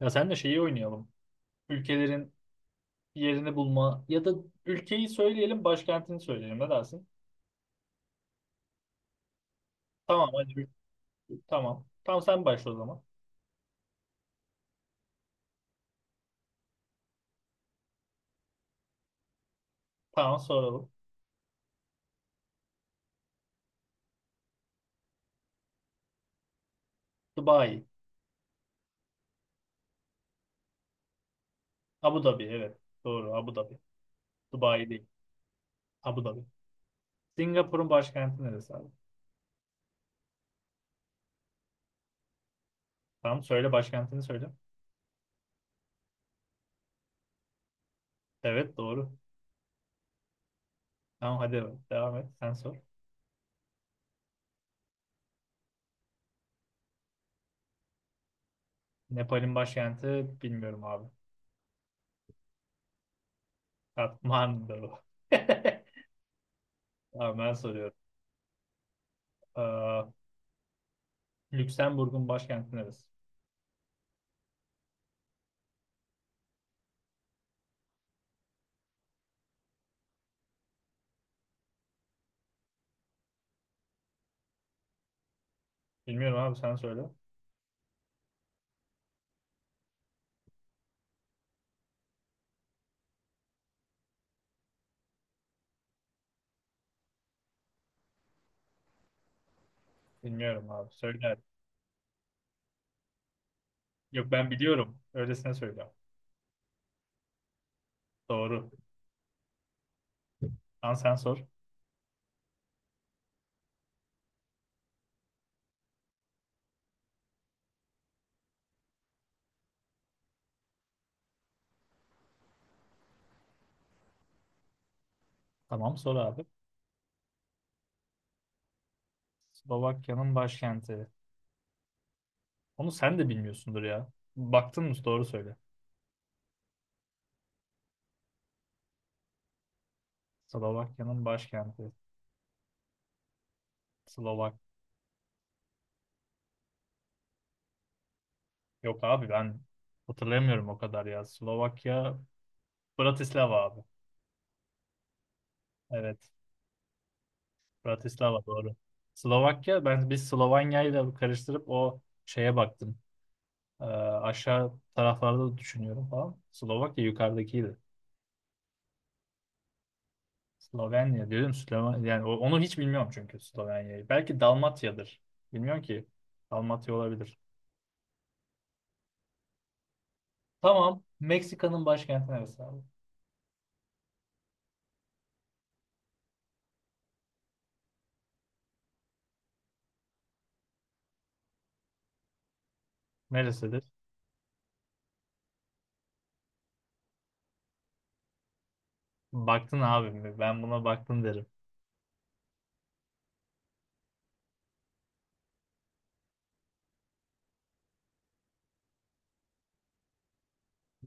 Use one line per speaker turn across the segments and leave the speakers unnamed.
Ya sen de şeyi oynayalım. Ülkelerin yerini bulma ya da ülkeyi söyleyelim, başkentini söyleyelim. Ne dersin? Tamam hadi. Tamam. Tamam sen başla o zaman. Tamam soralım. Dubai. Abu Dhabi evet. Doğru Abu Dhabi. Dubai değil. Abu Dhabi. Singapur'un başkenti neresi abi? Tamam söyle başkentini söyle. Evet doğru. Tamam hadi evet, devam et. Sen sor. Nepal'in başkenti bilmiyorum abi. Kathmandu. Tamam ben soruyorum. Ee, Lüksemburg'un başkenti neresi? Bilmiyorum abi sen söyle. Bilmiyorum abi. Söyle. Yok ben biliyorum. Öylesine söylüyorum. Doğru. Lan sen sor. Tamam sor abi. Slovakya'nın başkenti. Onu sen de bilmiyorsundur ya. Baktın mı? Doğru söyle. Slovakya'nın başkenti. Slovak. Yok abi ben hatırlayamıyorum o kadar ya. Slovakya Bratislava abi. Evet. Bratislava doğru. Slovakya ben biz Slovanya ile karıştırıp o şeye baktım. Aşağı taraflarda da düşünüyorum falan. Slovakya yukarıdakiydi. Slovenya diyorum Slovenya yani onu hiç bilmiyorum çünkü Slovenya'yı. Belki Dalmatya'dır. Bilmiyorum ki. Dalmatya olabilir. Tamam. Meksika'nın başkenti neresi abi? Neresidir? Baktın abi mi? Ben buna baktım derim.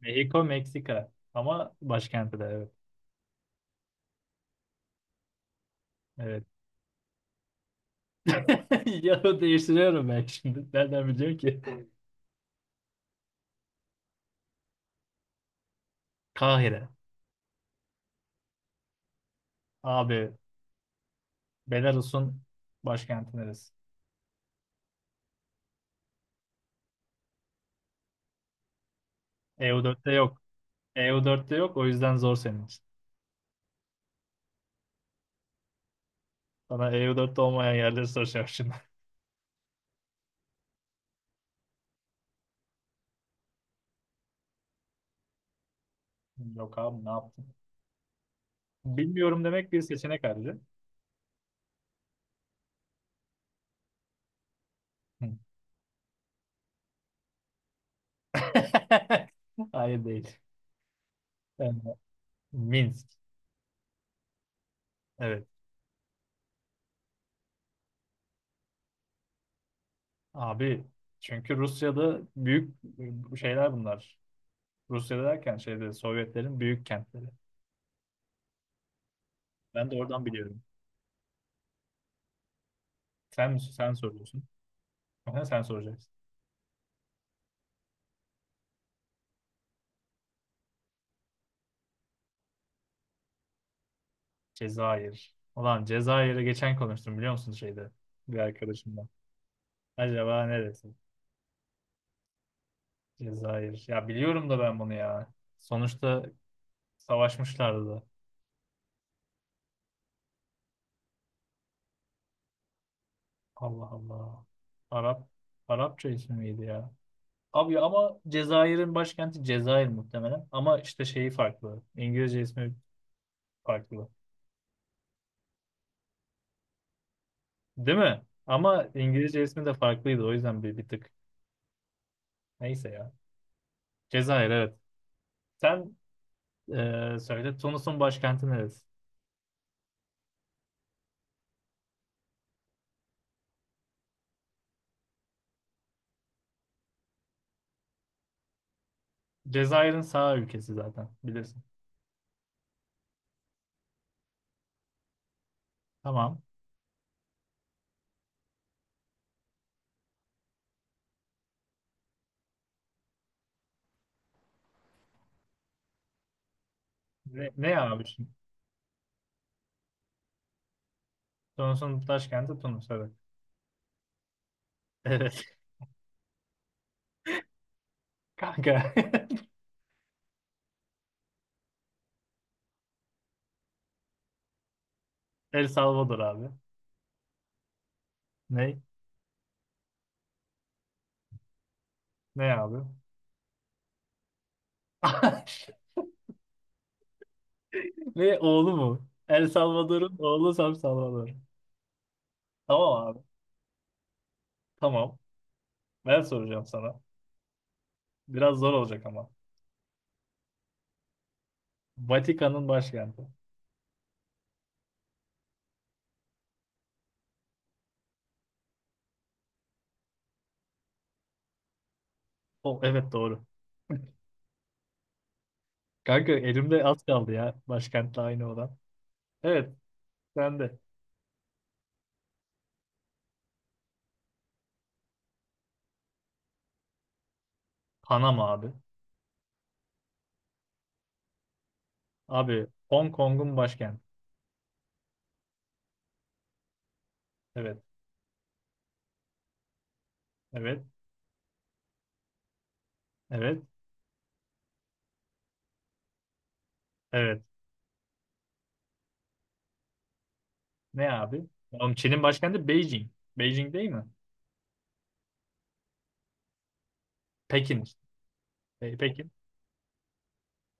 Mexico, Meksika. Ama başkenti de evet. Evet. Ya değiştiriyorum ben şimdi. Nereden biliyorum ki? Kahire. Abi Belarus'un başkenti neresi? EU4'te yok. EU4'te yok o yüzden zor senin için. Sana EU4'te olmayan yerleri soracağım şimdi. Yok abi ne yaptın? Bilmiyorum demek bir seçenek ayrıca. Hı. Hayır değil. Ee, Minsk. Evet. Abi çünkü Rusya'da büyük şeyler bunlar. Rusya'da derken şeyde Sovyetlerin büyük kentleri. Ben de oradan biliyorum. Sen soruyorsun. Aha, sen soracaksın. Cezayir. Ulan Cezayir'e geçen konuştum biliyor musun şeyde bir arkadaşımla. Acaba neresi? Cezayir. Ya biliyorum da ben bunu ya. Sonuçta savaşmışlardı. Allah Allah. Arap Arapça ismi miydi ya? Abi ama Cezayir'in başkenti Cezayir muhtemelen. Ama işte şeyi farklı. İngilizce ismi farklı. Değil mi? Ama İngilizce ismi de farklıydı. O yüzden bir tık. Neyse ya. Cezayir evet. Sen söyle. Tunus'un başkenti neresi? Cezayir'in sağ ülkesi zaten. Bilirsin. Tamam. Ne ya abi şimdi? Tunus'un başkenti Tunus evet. Evet. Kanka. El Salvador abi. Ne? Ne abi? Ve oğlu mu? El Salvador'un oğlu Sam Salvador. Tamam abi. Tamam. Ben soracağım sana. Biraz zor olacak ama. Vatikan'ın başkenti. O evet doğru. Kanka elimde az kaldı ya. Başkentle aynı olan. Evet. Sen de. Panama abi. Abi Hong Kong'un başkenti. Evet. Evet. Evet. Evet. Ne abi? Oğlum Çin'in başkenti Beijing. Beijing değil mi? Pekin işte. Pekin.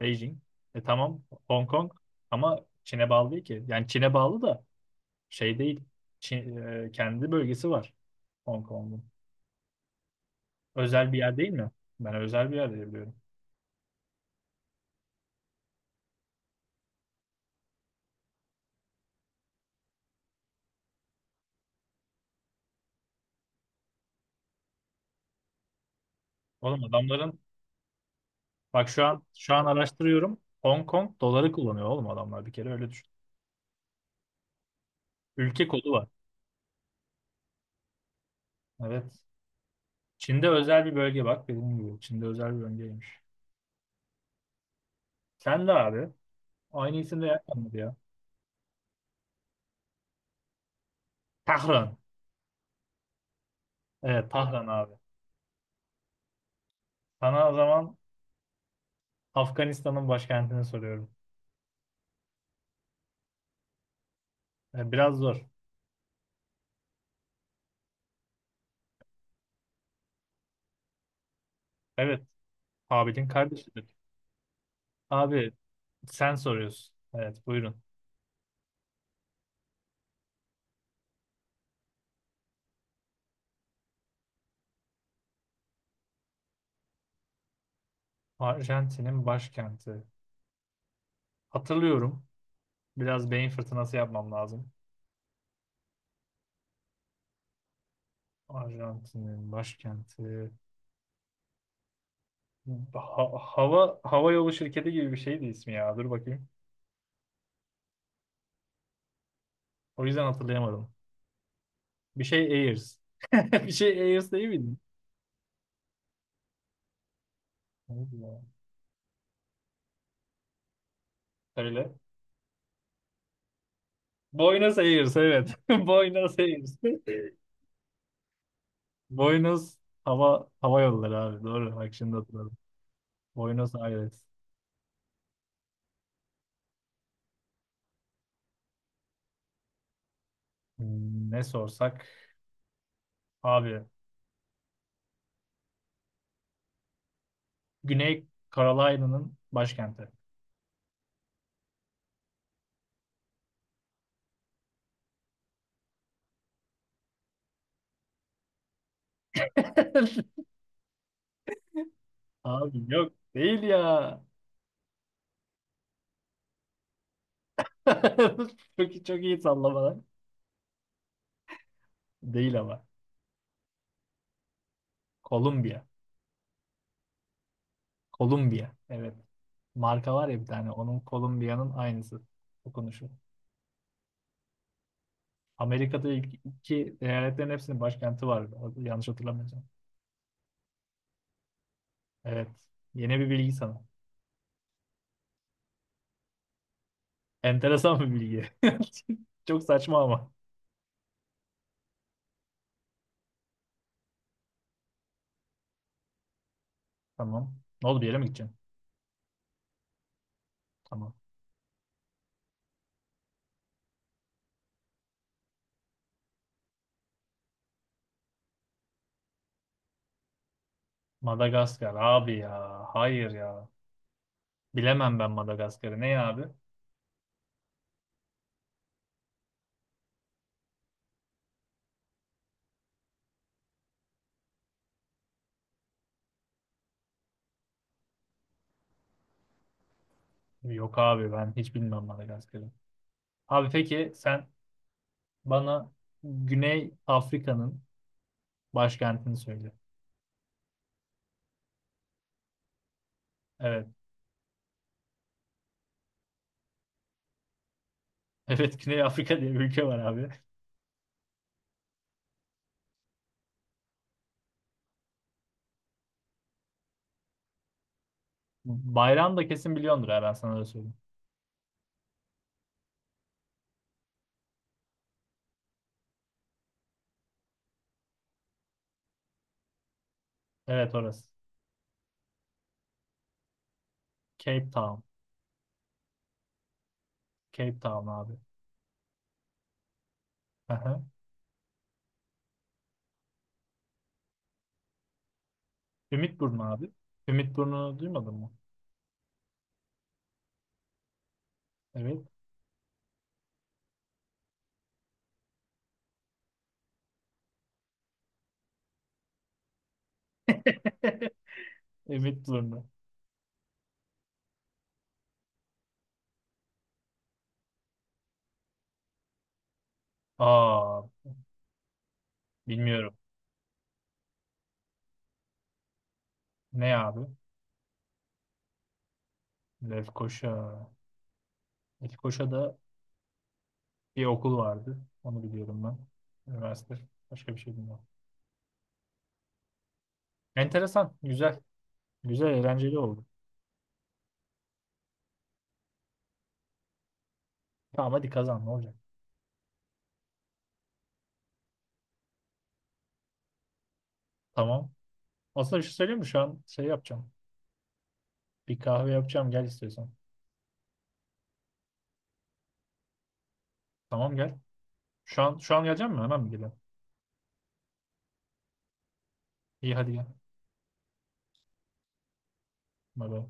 Beijing. E tamam. Hong Kong. Ama Çin'e bağlı değil ki. Yani Çin'e bağlı da şey değil. Kendi bölgesi var Hong Kong'un. Özel bir yer değil mi? Ben özel bir yer diye biliyorum. Oğlum adamların bak şu an araştırıyorum. Hong Kong doları kullanıyor oğlum adamlar bir kere öyle düşün. Ülke kodu var. Evet. Çin'de özel bir bölge bak dediğim gibi. Çin'de özel bir bölgeymiş. Sen de abi. Aynı isimle yapmadı ya. Tahran. Evet Tahran abi. Sana o zaman Afganistan'ın başkentini soruyorum. E, biraz zor. Evet. Abidin kardeşidir. Abi sen soruyorsun. Evet buyurun. Arjantin'in başkenti. Hatırlıyorum. Biraz beyin fırtınası yapmam lazım. Arjantin'in başkenti. Hava yolu şirketi gibi bir şeydi ismi ya. Dur bakayım. O yüzden hatırlayamadım. Bir şey Airs. Bir şey Airs değil miydi? Neydi ya? Söyle. Buenos Aires evet. Buenos Aires. Buenos hava yolları abi. Doğru. Bak şimdi hatırladım. Buenos Aires. Ne sorsak abi. Güney Carolina'nın başkenti. Abi yok değil ya. Çok iyi sallamalar. Değil ama. Kolombiya. Kolombiya. Evet. Marka var ya bir tane. Onun Kolombiya'nın aynısı. Okunuşu. Amerika'da ilk iki eyaletlerin hepsinin başkenti var. Yanlış hatırlamıyorsam. Evet. Yeni bir bilgi sana. Enteresan bir bilgi. Çok saçma ama. Tamam. Ne oldu bir yere mi gideceğim? Tamam. Madagaskar abi ya. Hayır ya. Bilemem ben Madagaskar'ı. Ne ya abi? Yok abi ben hiç bilmem Madagaskar'ı. Abi peki sen bana Güney Afrika'nın başkentini söyle. Evet. Evet Güney Afrika diye bir ülke var abi. Bayrağını da kesin biliyordur ha ben sana öyle söyleyeyim. Evet orası. Cape Town. Cape Town abi. Aha. Ümitburnu abi. Ümitburnu'nu duymadın mı? Evet. Ümitburnu. Aa bilmiyorum. Ne abi? Lefkoşa. Lefkoşa da bir okul vardı. Onu biliyorum ben. Üniversite. Başka bir şey bilmiyorum. Enteresan. Güzel. Güzel, eğlenceli oldu. Tamam hadi kazan ne olacak? Tamam. Aslında bir şey söyleyeyim mi? Şu an şey yapacağım. Bir kahve yapacağım. Gel istiyorsan. Tamam gel. Şu an şu an gelecek misin? Hemen mi geliyorsun? İyi hadi gel. Bay bay.